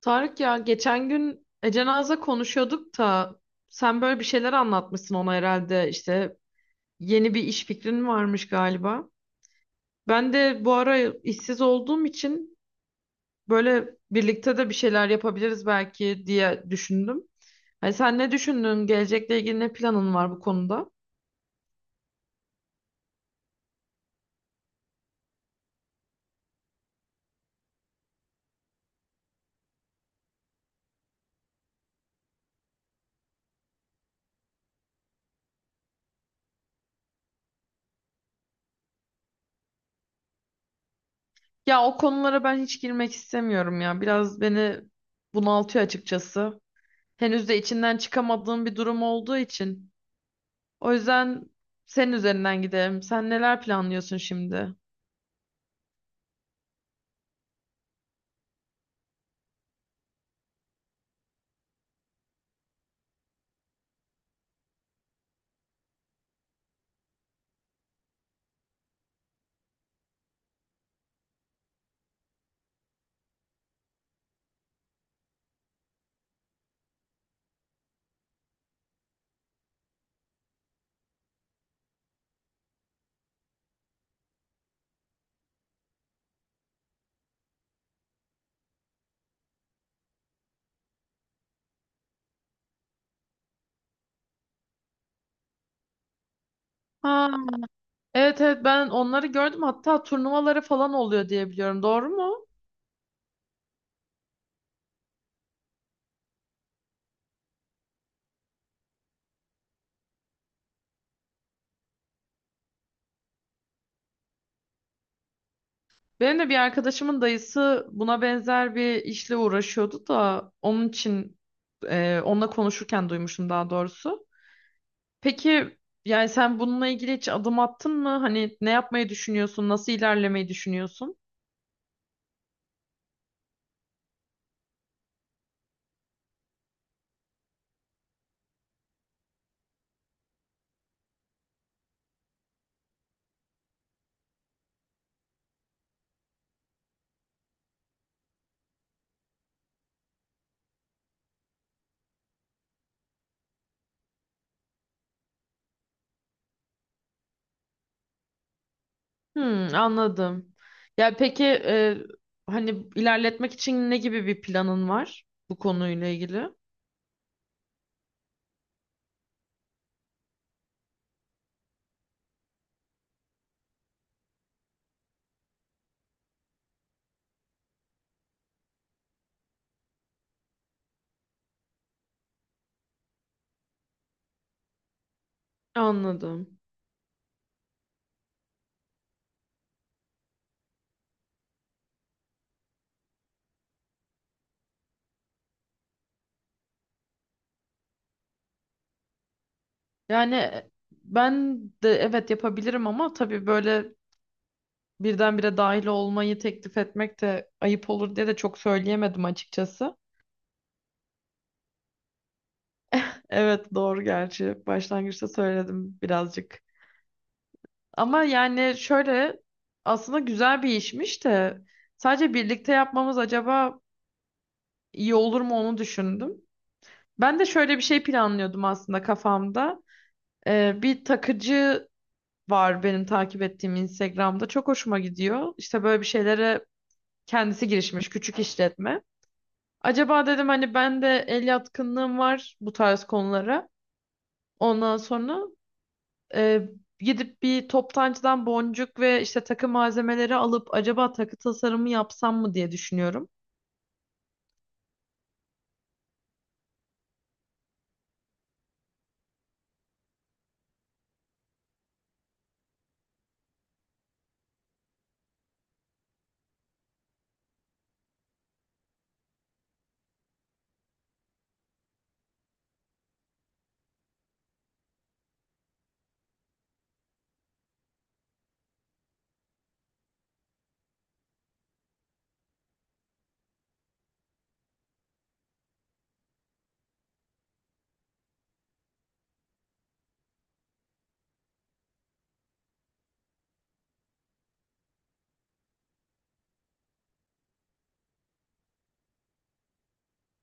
Tarık, ya geçen gün Ece Naz'la konuşuyorduk da sen böyle bir şeyler anlatmışsın ona herhalde, işte yeni bir iş fikrin varmış galiba. Ben de bu ara işsiz olduğum için böyle birlikte de bir şeyler yapabiliriz belki diye düşündüm. Hani sen ne düşündün? Gelecekle ilgili ne planın var bu konuda? Ya o konulara ben hiç girmek istemiyorum ya. Biraz beni bunaltıyor açıkçası. Henüz de içinden çıkamadığım bir durum olduğu için. O yüzden senin üzerinden gidelim. Sen neler planlıyorsun şimdi? Ha, evet evet, ben onları gördüm. Hatta turnuvaları falan oluyor diye biliyorum. Doğru mu? Benim de bir arkadaşımın dayısı buna benzer bir işle uğraşıyordu da onun için onunla konuşurken duymuştum daha doğrusu. Peki, yani sen bununla ilgili hiç adım attın mı? Hani ne yapmayı düşünüyorsun? Nasıl ilerlemeyi düşünüyorsun? Hmm, anladım. Ya peki, hani ilerletmek için ne gibi bir planın var bu konuyla ilgili? Anladım. Yani ben de evet yapabilirim ama tabii böyle birdenbire dahil olmayı teklif etmek de ayıp olur diye de çok söyleyemedim açıkçası. Evet doğru, gerçi başlangıçta söyledim birazcık. Ama yani şöyle, aslında güzel bir işmiş de sadece birlikte yapmamız acaba iyi olur mu onu düşündüm. Ben de şöyle bir şey planlıyordum aslında kafamda. Bir takıcı var benim takip ettiğim Instagram'da. Çok hoşuma gidiyor. İşte böyle bir şeylere kendisi girişmiş, küçük işletme. Acaba dedim, hani ben de el yatkınlığım var bu tarz konulara. Ondan sonra e, gidip bir toptancıdan boncuk ve işte takı malzemeleri alıp acaba takı tasarımı yapsam mı diye düşünüyorum.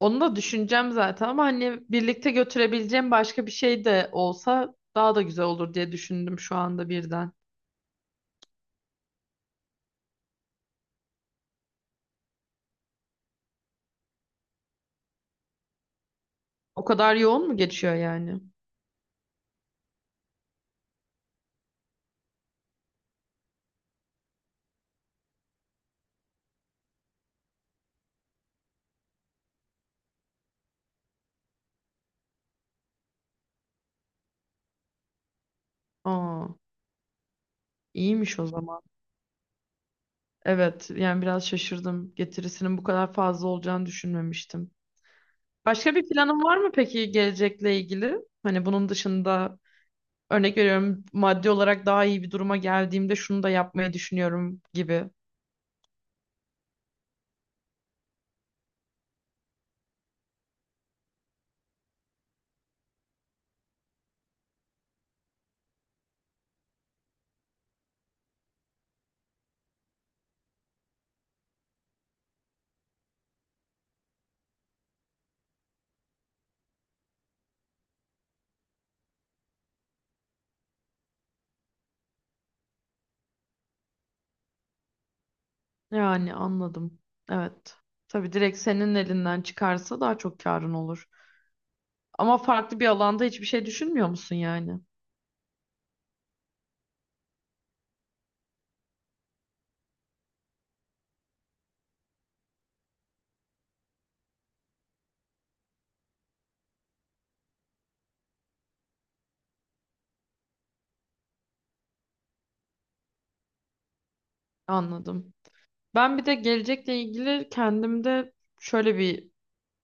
Onu da düşüneceğim zaten ama hani birlikte götürebileceğim başka bir şey de olsa daha da güzel olur diye düşündüm şu anda birden. O kadar yoğun mu geçiyor yani? Aa, iyiymiş o zaman. Evet, yani biraz şaşırdım. Getirisinin bu kadar fazla olacağını düşünmemiştim. Başka bir planın var mı peki gelecekle ilgili? Hani bunun dışında örnek veriyorum, maddi olarak daha iyi bir duruma geldiğimde şunu da yapmayı düşünüyorum gibi. Yani anladım. Evet. Tabii direkt senin elinden çıkarsa daha çok karın olur. Ama farklı bir alanda hiçbir şey düşünmüyor musun yani? Anladım. Ben bir de gelecekle ilgili kendimde şöyle bir,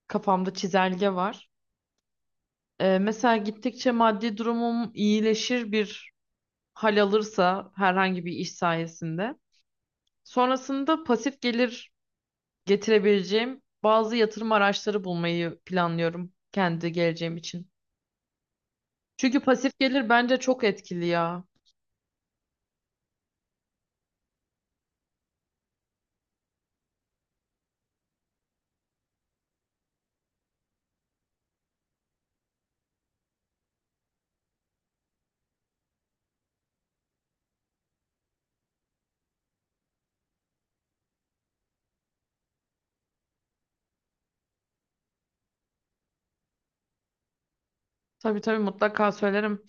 kafamda çizelge var. Mesela gittikçe maddi durumum iyileşir bir hal alırsa herhangi bir iş sayesinde. Sonrasında pasif gelir getirebileceğim bazı yatırım araçları bulmayı planlıyorum kendi geleceğim için. Çünkü pasif gelir bence çok etkili ya. Tabii tabii mutlaka söylerim.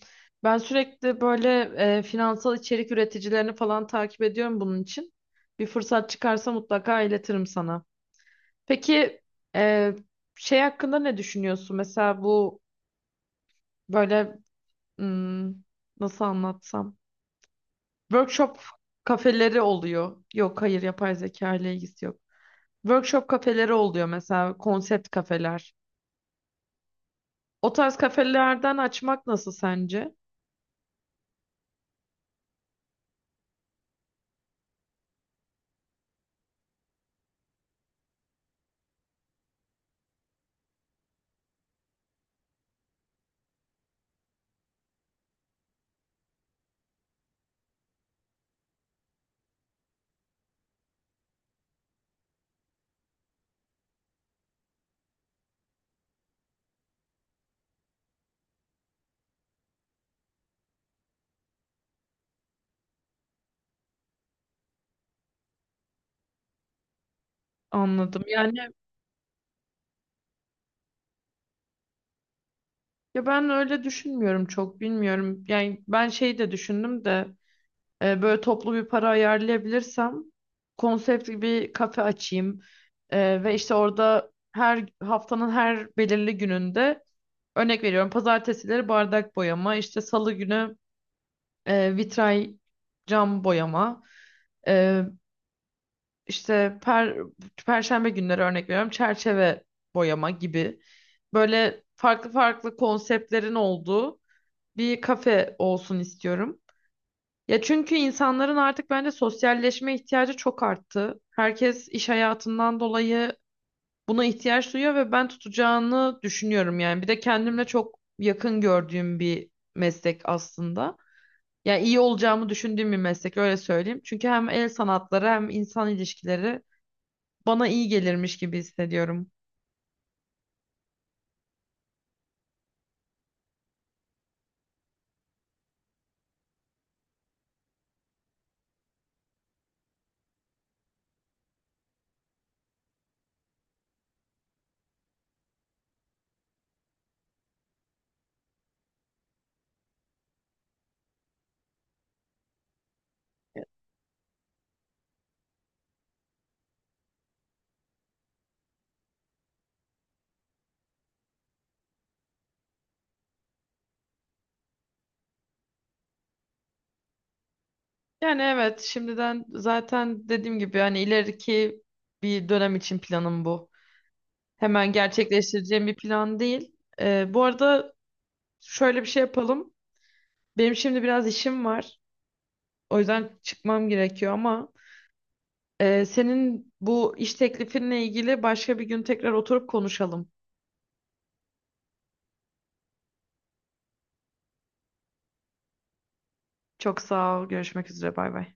Ben sürekli böyle finansal içerik üreticilerini falan takip ediyorum bunun için. Bir fırsat çıkarsa mutlaka iletirim sana. Peki e, şey hakkında ne düşünüyorsun? Mesela bu böyle, hmm, nasıl anlatsam? Workshop kafeleri oluyor. Yok, hayır, yapay zeka ile ilgisi yok. Workshop kafeleri oluyor mesela, konsept kafeler. O tarz kafelerden açmak nasıl sence? Anladım. Yani ya ben öyle düşünmüyorum, çok bilmiyorum. Yani ben şey de düşündüm de, böyle toplu bir para ayarlayabilirsem konsept bir kafe açayım. E, ve işte orada her haftanın her belirli gününde örnek veriyorum, pazartesileri bardak boyama, işte salı günü vitray cam boyama, e, işte per, perşembe günleri örnek veriyorum çerçeve boyama gibi böyle farklı farklı konseptlerin olduğu bir kafe olsun istiyorum. Ya çünkü insanların artık bence sosyalleşme ihtiyacı çok arttı. Herkes iş hayatından dolayı buna ihtiyaç duyuyor ve ben tutacağını düşünüyorum yani. Bir de kendimle çok yakın gördüğüm bir meslek aslında. Yani iyi olacağımı düşündüğüm bir meslek, öyle söyleyeyim. Çünkü hem el sanatları hem insan ilişkileri bana iyi gelirmiş gibi hissediyorum. Yani evet, şimdiden zaten dediğim gibi hani ileriki bir dönem için planım bu. Hemen gerçekleştireceğim bir plan değil. Bu arada şöyle bir şey yapalım. Benim şimdi biraz işim var. O yüzden çıkmam gerekiyor ama senin bu iş teklifinle ilgili başka bir gün tekrar oturup konuşalım. Çok sağ ol. Görüşmek üzere. Bay bay.